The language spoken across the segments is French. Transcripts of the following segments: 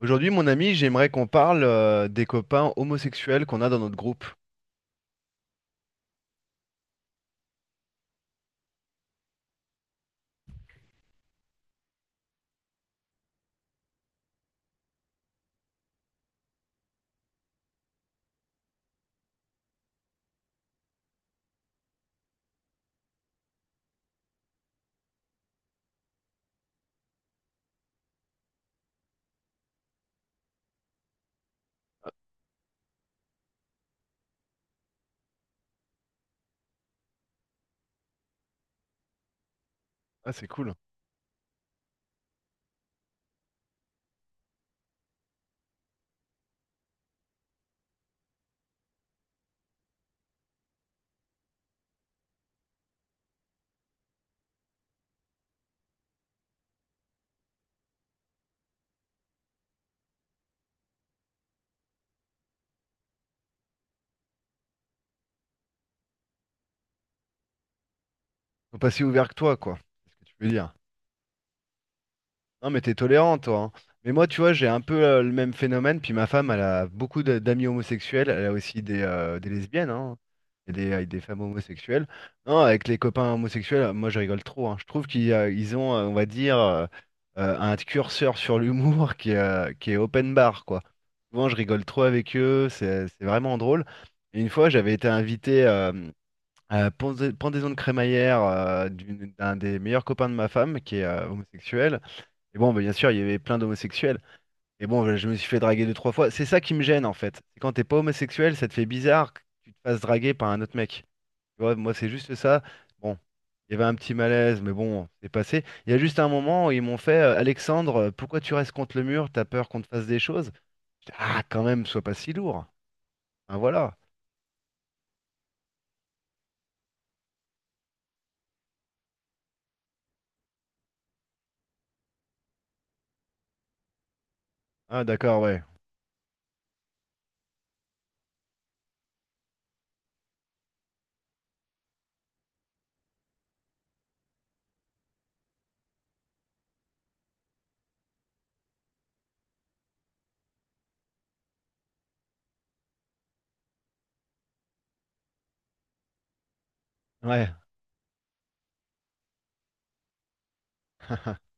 Aujourd'hui, mon ami, j'aimerais qu'on parle des copains homosexuels qu'on a dans notre groupe. Ah, c'est cool. Ils sont pas si ouverts que toi, quoi. C'est ce que tu veux dire. Non, mais t'es tolérant, toi, hein. Mais moi, tu vois, j'ai un peu le même phénomène. Puis ma femme, elle a beaucoup d'amis homosexuels. Elle a aussi des lesbiennes, hein, et des femmes homosexuelles. Non, avec les copains homosexuels, moi, je rigole trop, hein. Je trouve qu'ils ils ont, on va dire, un curseur sur l'humour qui est, qui est open bar, quoi. Souvent, je rigole trop avec eux. C'est vraiment drôle. Et une fois, j'avais été invité à la pendaison de crémaillère d'un des meilleurs copains de ma femme, qui est homosexuel. Et bon, bah, bien sûr, il y avait plein d'homosexuels. Et bon, bah, je me suis fait draguer deux, trois fois. C'est ça qui me gêne, en fait. C'est quand t'es pas homosexuel, ça te fait bizarre que tu te fasses draguer par un autre mec. Tu vois, moi, c'est juste ça. Bon, il y avait un petit malaise, mais bon, c'est passé. Il y a juste un moment où ils m'ont fait, Alexandre, pourquoi tu restes contre le mur? T'as peur qu'on te fasse des choses? J'étais, ah, quand même, sois pas si lourd. Hein, voilà. Ah, d'accord, ouais. Ouais.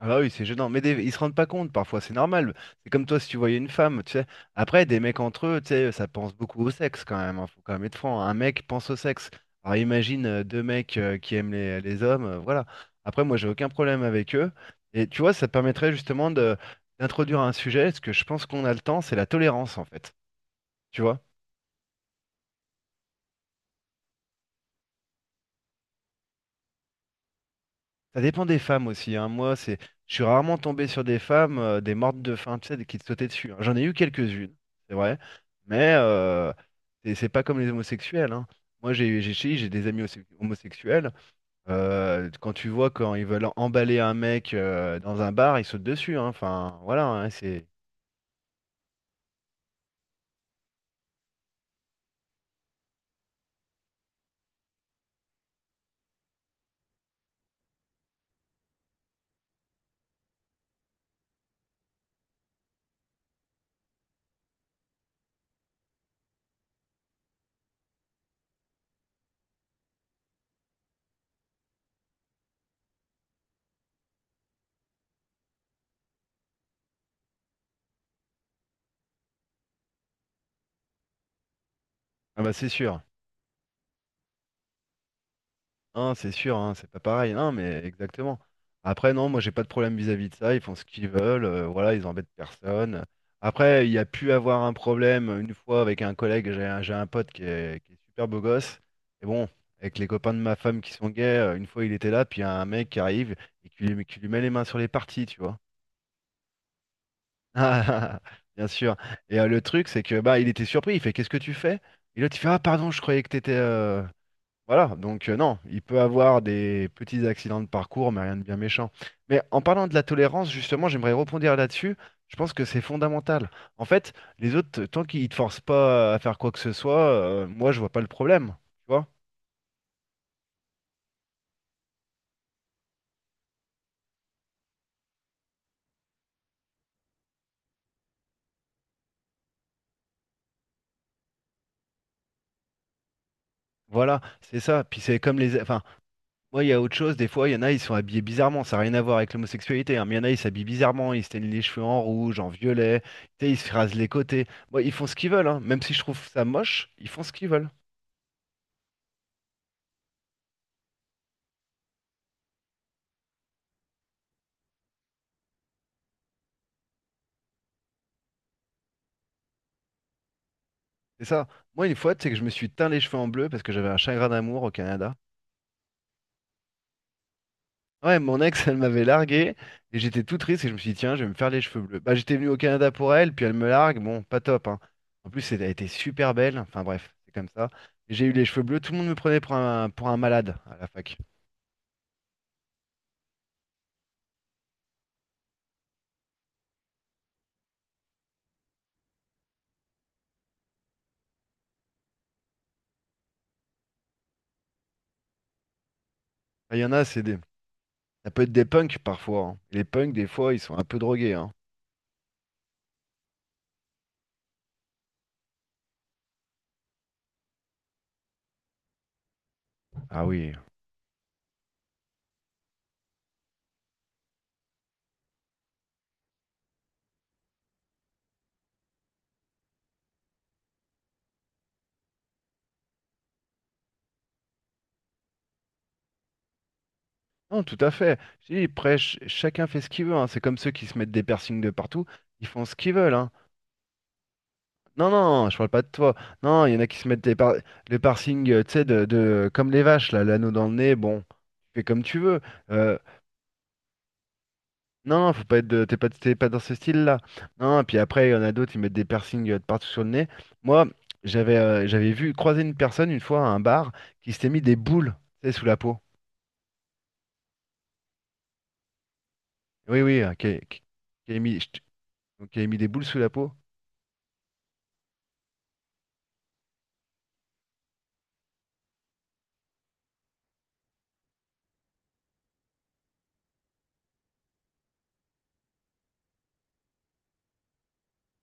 Ah bah oui, c'est gênant. Mais ils se rendent pas compte, parfois, c'est normal. C'est comme toi si tu voyais une femme, tu sais. Après, des mecs entre eux, tu sais, ça pense beaucoup au sexe quand même, hein. Faut quand même être franc, hein. Un mec pense au sexe. Alors imagine deux mecs qui aiment les hommes, voilà. Après, moi, j'ai aucun problème avec eux. Et tu vois, ça te permettrait justement de d'introduire un sujet, ce que je pense qu'on a le temps, c'est la tolérance, en fait. Tu vois? Ça dépend des femmes aussi, hein. Moi, c'est, je suis rarement tombé sur des femmes, des mortes de faim, tu sais, qui te sautaient dessus, hein. J'en ai eu quelques-unes, c'est vrai, mais c'est pas comme les homosexuels, hein. Moi, j'ai des amis homosexuels. Quand tu vois quand ils veulent emballer un mec dans un bar, ils sautent dessus, hein. Enfin, voilà, hein, c'est ah bah, c'est sûr. Hein, c'est sûr, hein, c'est pas pareil. Non, mais exactement. Après, non, moi, j'ai pas de problème vis-à-vis de ça. Ils font ce qu'ils veulent, voilà, ils embêtent personne. Après, il y a pu avoir un problème une fois avec un collègue. J'ai un pote qui est super beau gosse. Et bon, avec les copains de ma femme qui sont gays, une fois il était là, puis il y a un mec qui arrive et qui lui met les mains sur les parties, tu vois. Ah, bien sûr. Et le truc, c'est que bah, il était surpris. Il fait, qu'est-ce que tu fais? Et l'autre, il fait, ah, pardon, je croyais que t'étais, voilà, donc non, il peut avoir des petits accidents de parcours, mais rien de bien méchant. Mais en parlant de la tolérance, justement, j'aimerais rebondir là-dessus. Je pense que c'est fondamental. En fait, les autres, tant qu'ils ne te forcent pas à faire quoi que ce soit, moi, je vois pas le problème. Tu vois? Voilà, c'est ça. Puis c'est comme les... Enfin, moi, il y a autre chose. Des fois, il y en a, ils sont habillés bizarrement. Ça n'a rien à voir avec l'homosexualité, hein, mais il y en a, ils s'habillent bizarrement. Ils se teignent les cheveux en rouge, en violet. Tu sais, ils se rasent les côtés. Moi, ils font ce qu'ils veulent, hein. Même si je trouve ça moche, ils font ce qu'ils veulent. C'est ça. Moi, une fois, c'est que je me suis teint les cheveux en bleu parce que j'avais un chagrin d'amour au Canada. Ouais, mon ex, elle m'avait largué et j'étais tout triste et je me suis dit, tiens, je vais me faire les cheveux bleus. Bah, j'étais venu au Canada pour elle, puis elle me largue. Bon, pas top, hein. En plus, elle a été super belle. Enfin, bref, c'est comme ça. Et j'ai eu les cheveux bleus, tout le monde me prenait pour un malade à la fac. Enfin, il y en a, c'est des... Ça peut être des punks parfois, hein. Les punks, des fois, ils sont un peu drogués, hein. Ah oui. Non, tout à fait. Je dis, après, chacun fait ce qu'il veut, hein. C'est comme ceux qui se mettent des piercings de partout. Ils font ce qu'ils veulent, hein. Non, non, je parle pas de toi. Non, il y en a qui se mettent le parsing, tu sais, comme les vaches, là, l'anneau dans le nez, bon, tu fais comme tu veux. Euh, non, non, faut pas t'es pas, t'es pas dans ce style-là. Non, puis après, il y en a d'autres, ils mettent des piercings de partout sur le nez. Moi, j'avais vu croiser une personne une fois à un bar qui s'était mis des boules, tu sais, sous la peau. Oui, oui, qui, a- qui- qui a mis, je te- donc, qui a mis des boules sous la peau.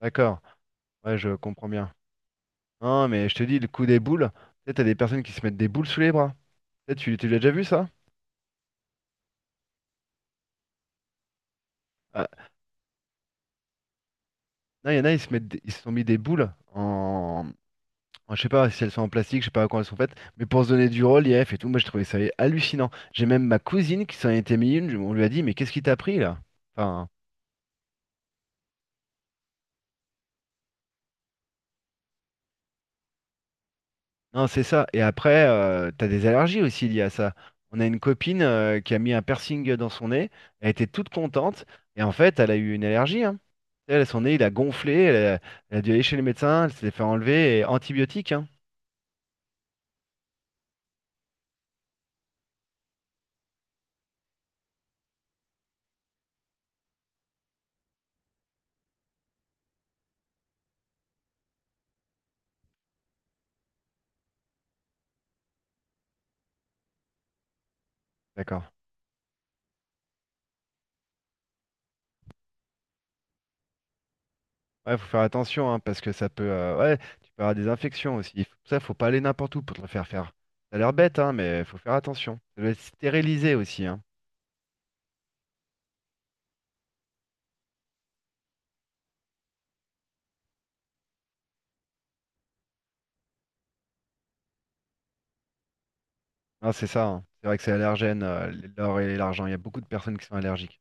D'accord, ouais, je comprends bien. Non, mais je te dis, le coup des boules, tu sais, t'as des personnes qui se mettent des boules sous les bras. Tu sais, tu l'as déjà vu, ça? Ah, non, il y en a, ils se sont mis des boules en, je sais pas si elles sont en plastique, je sais pas comment elles sont faites, mais pour se donner du relief et tout, moi je trouvais ça hallucinant. J'ai même ma cousine qui s'en était mis une, on lui a dit, mais qu'est-ce qui t'a pris là? Enfin, non, c'est ça. Et après, t'as des allergies aussi liées à ça. On a une copine qui a mis un piercing dans son nez, elle était toute contente, et en fait, elle a eu une allergie, hein. Elle, son nez, il a gonflé, elle a, elle a dû aller chez le médecin, elle s'est fait enlever, et antibiotiques, hein. D'accord. Ouais, faut faire attention, hein, parce que ça peut, ouais, tu peux avoir des infections aussi. Ça, faut pas aller n'importe où pour te le faire faire. Ça a l'air bête, hein, mais faut faire attention. Ça doit être stérilisé aussi, hein. Non, c'est ça, hein. C'est vrai que c'est allergène, l'or et l'argent. Il y a beaucoup de personnes qui sont allergiques.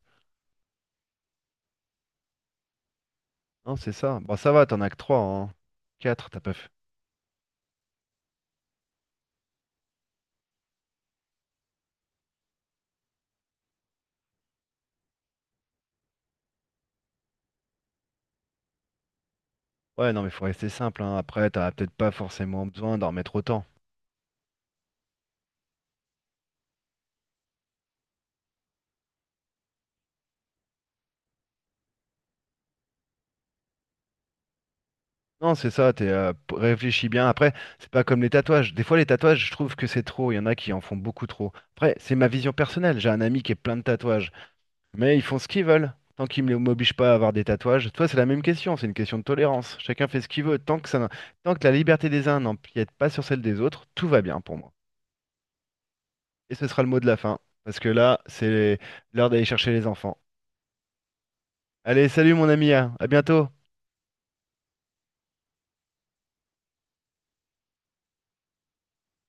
Non, c'est ça. Bon, ça va, t'en as que 3 hein. 4, t'as pas fait. Ouais, non, mais faut rester simple, hein. Après, t'as peut-être pas forcément besoin d'en mettre autant. Non, c'est ça, t'es, réfléchis bien. Après, c'est pas comme les tatouages. Des fois, les tatouages, je trouve que c'est trop. Il y en a qui en font beaucoup trop. Après, c'est ma vision personnelle. J'ai un ami qui est plein de tatouages. Mais ils font ce qu'ils veulent. Tant qu'ils ne m'obligent pas à avoir des tatouages. Toi, c'est la même question. C'est une question de tolérance. Chacun fait ce qu'il veut. Tant que la liberté des uns n'empiète pas sur celle des autres, tout va bien pour moi. Et ce sera le mot de la fin. Parce que là, c'est l'heure d'aller chercher les enfants. Allez, salut mon ami, hein. À bientôt.